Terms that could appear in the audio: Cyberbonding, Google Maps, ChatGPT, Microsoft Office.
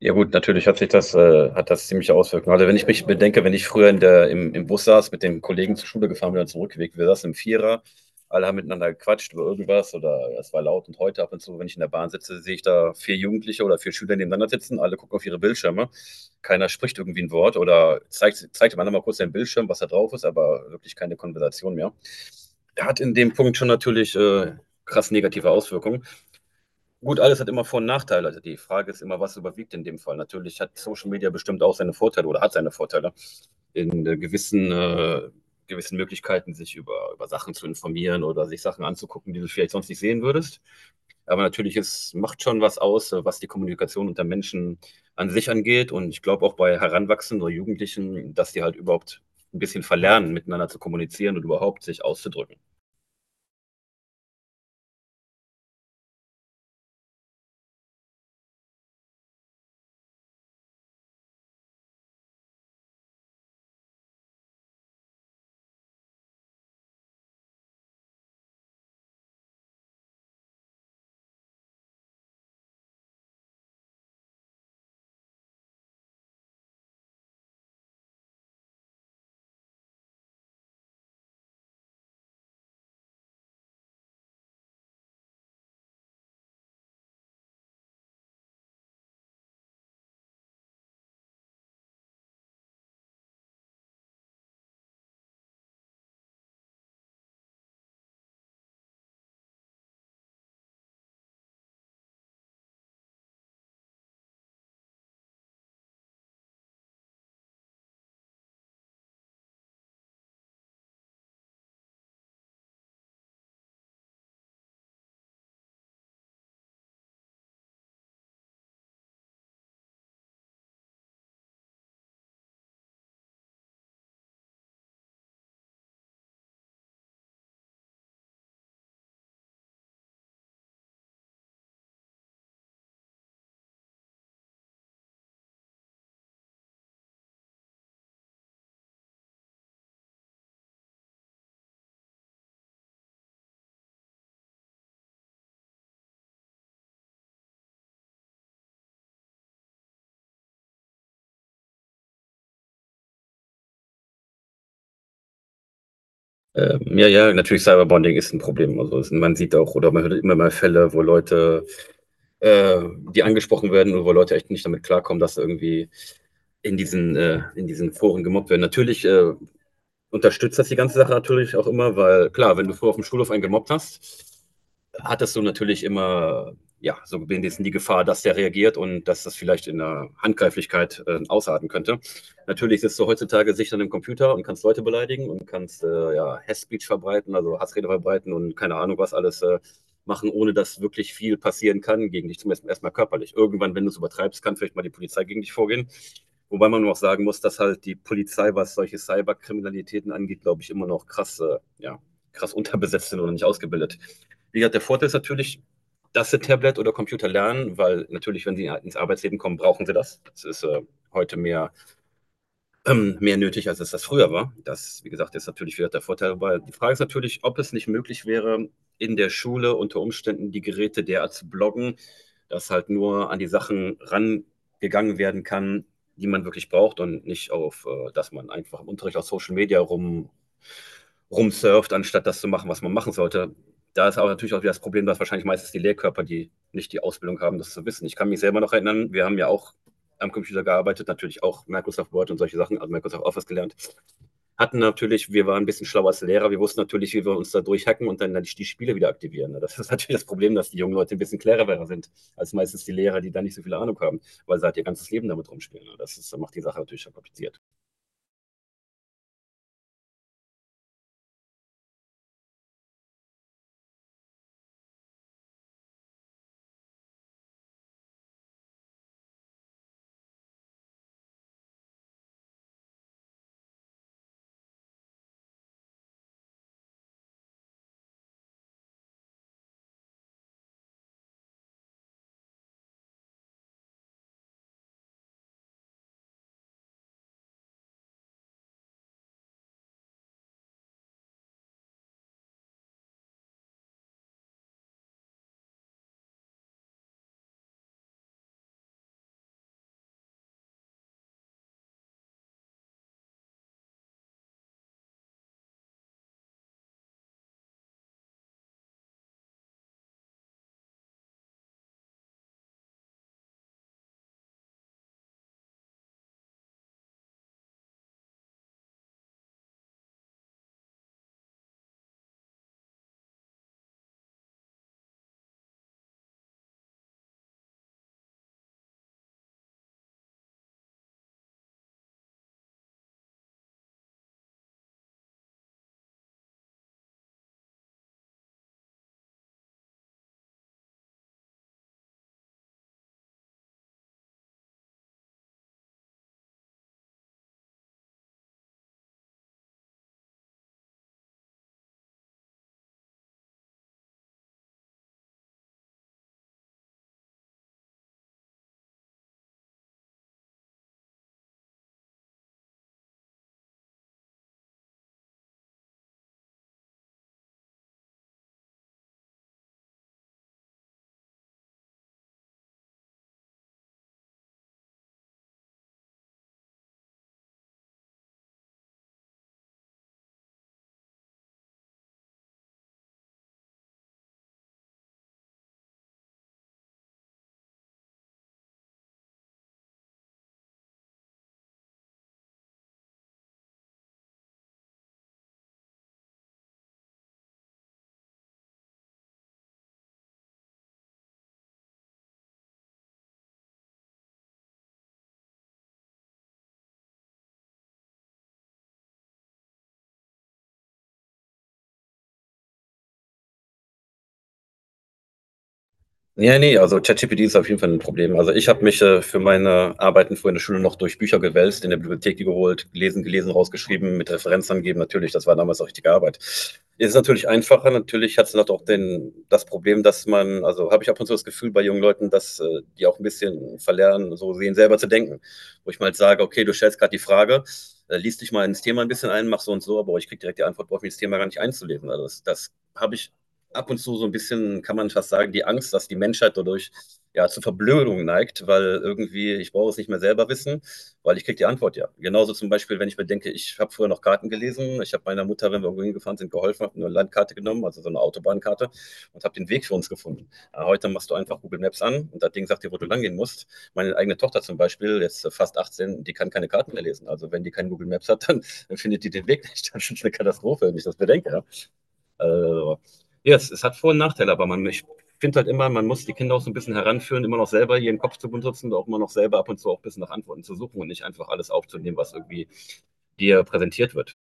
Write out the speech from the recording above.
Ja gut, natürlich hat sich das, hat das ziemliche Auswirkungen. Also wenn ich mich bedenke, wenn ich früher im Bus saß, mit den Kollegen zur Schule gefahren bin und zurückgelegt, wir saßen im Vierer, alle haben miteinander gequatscht über irgendwas oder es war laut und heute ab und zu, wenn ich in der Bahn sitze, sehe ich da vier Jugendliche oder vier Schüler nebeneinander sitzen, alle gucken auf ihre Bildschirme, keiner spricht irgendwie ein Wort oder zeigt dem anderen mal kurz den Bildschirm, was da drauf ist, aber wirklich keine Konversation mehr. Hat in dem Punkt schon natürlich krass negative Auswirkungen. Gut, alles hat immer Vor- und Nachteile. Also die Frage ist immer, was überwiegt in dem Fall. Natürlich hat Social Media bestimmt auch seine Vorteile oder hat seine Vorteile in gewissen Möglichkeiten, sich über Sachen zu informieren oder sich Sachen anzugucken, die du vielleicht sonst nicht sehen würdest. Aber natürlich ist, macht schon was aus, was die Kommunikation unter Menschen an sich angeht. Und ich glaube auch bei Heranwachsenden oder Jugendlichen, dass die halt überhaupt ein bisschen verlernen, miteinander zu kommunizieren und überhaupt sich auszudrücken. Ja, natürlich Cyberbonding ist ein Problem. Also es, man sieht auch oder man hört immer mal Fälle, wo Leute, äh, die angesprochen werden oder wo Leute echt nicht damit klarkommen, dass sie irgendwie in diesen Foren gemobbt werden. Natürlich unterstützt das die ganze Sache natürlich auch immer, weil klar, wenn du früher auf dem Schulhof einen gemobbt hast, hattest du natürlich immer, ja, so wenigstens die Gefahr, dass der reagiert und dass das vielleicht in der Handgreiflichkeit ausarten könnte. Natürlich sitzt du heutzutage sicher an dem Computer und kannst Leute beleidigen und kannst ja, Hass-Speech verbreiten, also Hassrede verbreiten und keine Ahnung was alles machen, ohne dass wirklich viel passieren kann gegen dich, zumindest erstmal körperlich. Irgendwann, wenn du es übertreibst, kann vielleicht mal die Polizei gegen dich vorgehen. Wobei man auch sagen muss, dass halt die Polizei, was solche Cyberkriminalitäten angeht, glaube ich, immer noch krass, krass unterbesetzt sind oder nicht ausgebildet. Wie gesagt, der Vorteil ist natürlich, dass sie Tablet oder Computer lernen, weil natürlich, wenn sie ins Arbeitsleben kommen, brauchen sie das. Das ist heute mehr nötig, als es das früher war. Das, wie gesagt, ist natürlich wieder der Vorteil. Aber die Frage ist natürlich, ob es nicht möglich wäre, in der Schule unter Umständen die Geräte derart zu bloggen, dass halt nur an die Sachen rangegangen werden kann, die man wirklich braucht und nicht auf, dass man einfach im Unterricht auf Social Media rumsurft, anstatt das zu machen, was man machen sollte. Da ist aber natürlich auch wieder das Problem, dass wahrscheinlich meistens die Lehrkörper, die nicht die Ausbildung haben, das zu wissen. Ich kann mich selber noch erinnern, wir haben ja auch am Computer gearbeitet, natürlich auch Microsoft Word und solche Sachen, also Microsoft Office gelernt. Hatten natürlich, wir waren ein bisschen schlauer als Lehrer, wir wussten natürlich, wie wir uns da durchhacken und dann die Spiele wieder aktivieren. Das ist natürlich das Problem, dass die jungen Leute ein bisschen cleverer sind als meistens die Lehrer, die da nicht so viel Ahnung haben, weil sie halt ihr ganzes Leben damit rumspielen. Das ist, macht die Sache natürlich schon kompliziert. Ja, ne, also ChatGPT ist auf jeden Fall ein Problem. Also ich habe mich, für meine Arbeiten früher in der Schule noch durch Bücher gewälzt, in der Bibliothek die geholt, gelesen, rausgeschrieben, mit Referenz angeben. Natürlich, das war damals auch richtige Arbeit. Ist natürlich einfacher. Natürlich hat's noch doch den das Problem, dass man also, habe ich ab und zu das Gefühl bei jungen Leuten, dass, die auch ein bisschen verlernen, so sehen selber zu denken. Wo ich mal sage: „Okay, du stellst gerade die Frage, lies dich mal ins Thema ein bisschen ein, mach so und so“, aber ich kriege direkt die Antwort, brauche mich das Thema gar nicht einzulesen. Also, das habe ich ab und zu so ein bisschen, kann man fast sagen, die Angst, dass die Menschheit dadurch ja zur Verblödung neigt, weil irgendwie ich brauche es nicht mehr selber wissen, weil ich kriege die Antwort ja. Genauso zum Beispiel, wenn ich mir denke, ich habe früher noch Karten gelesen, ich habe meiner Mutter, wenn wir irgendwo hingefahren sind, geholfen, habe eine Landkarte genommen, also so eine Autobahnkarte und habe den Weg für uns gefunden. Ja, heute machst du einfach Google Maps an und das Ding sagt dir, wo du lang gehen musst. Meine eigene Tochter zum Beispiel, jetzt fast 18, die kann keine Karten mehr lesen. Also wenn die kein Google Maps hat, dann findet die den Weg nicht. Das ist eine Katastrophe, wenn ich das bedenke. Ja. Also, ja, es hat Vor- und Nachteile, aber man, ich finde halt immer, man muss die Kinder auch so ein bisschen heranführen, immer noch selber ihren Kopf zu benutzen und auch immer noch selber ab und zu auch ein bisschen nach Antworten zu suchen und nicht einfach alles aufzunehmen, was irgendwie dir präsentiert wird.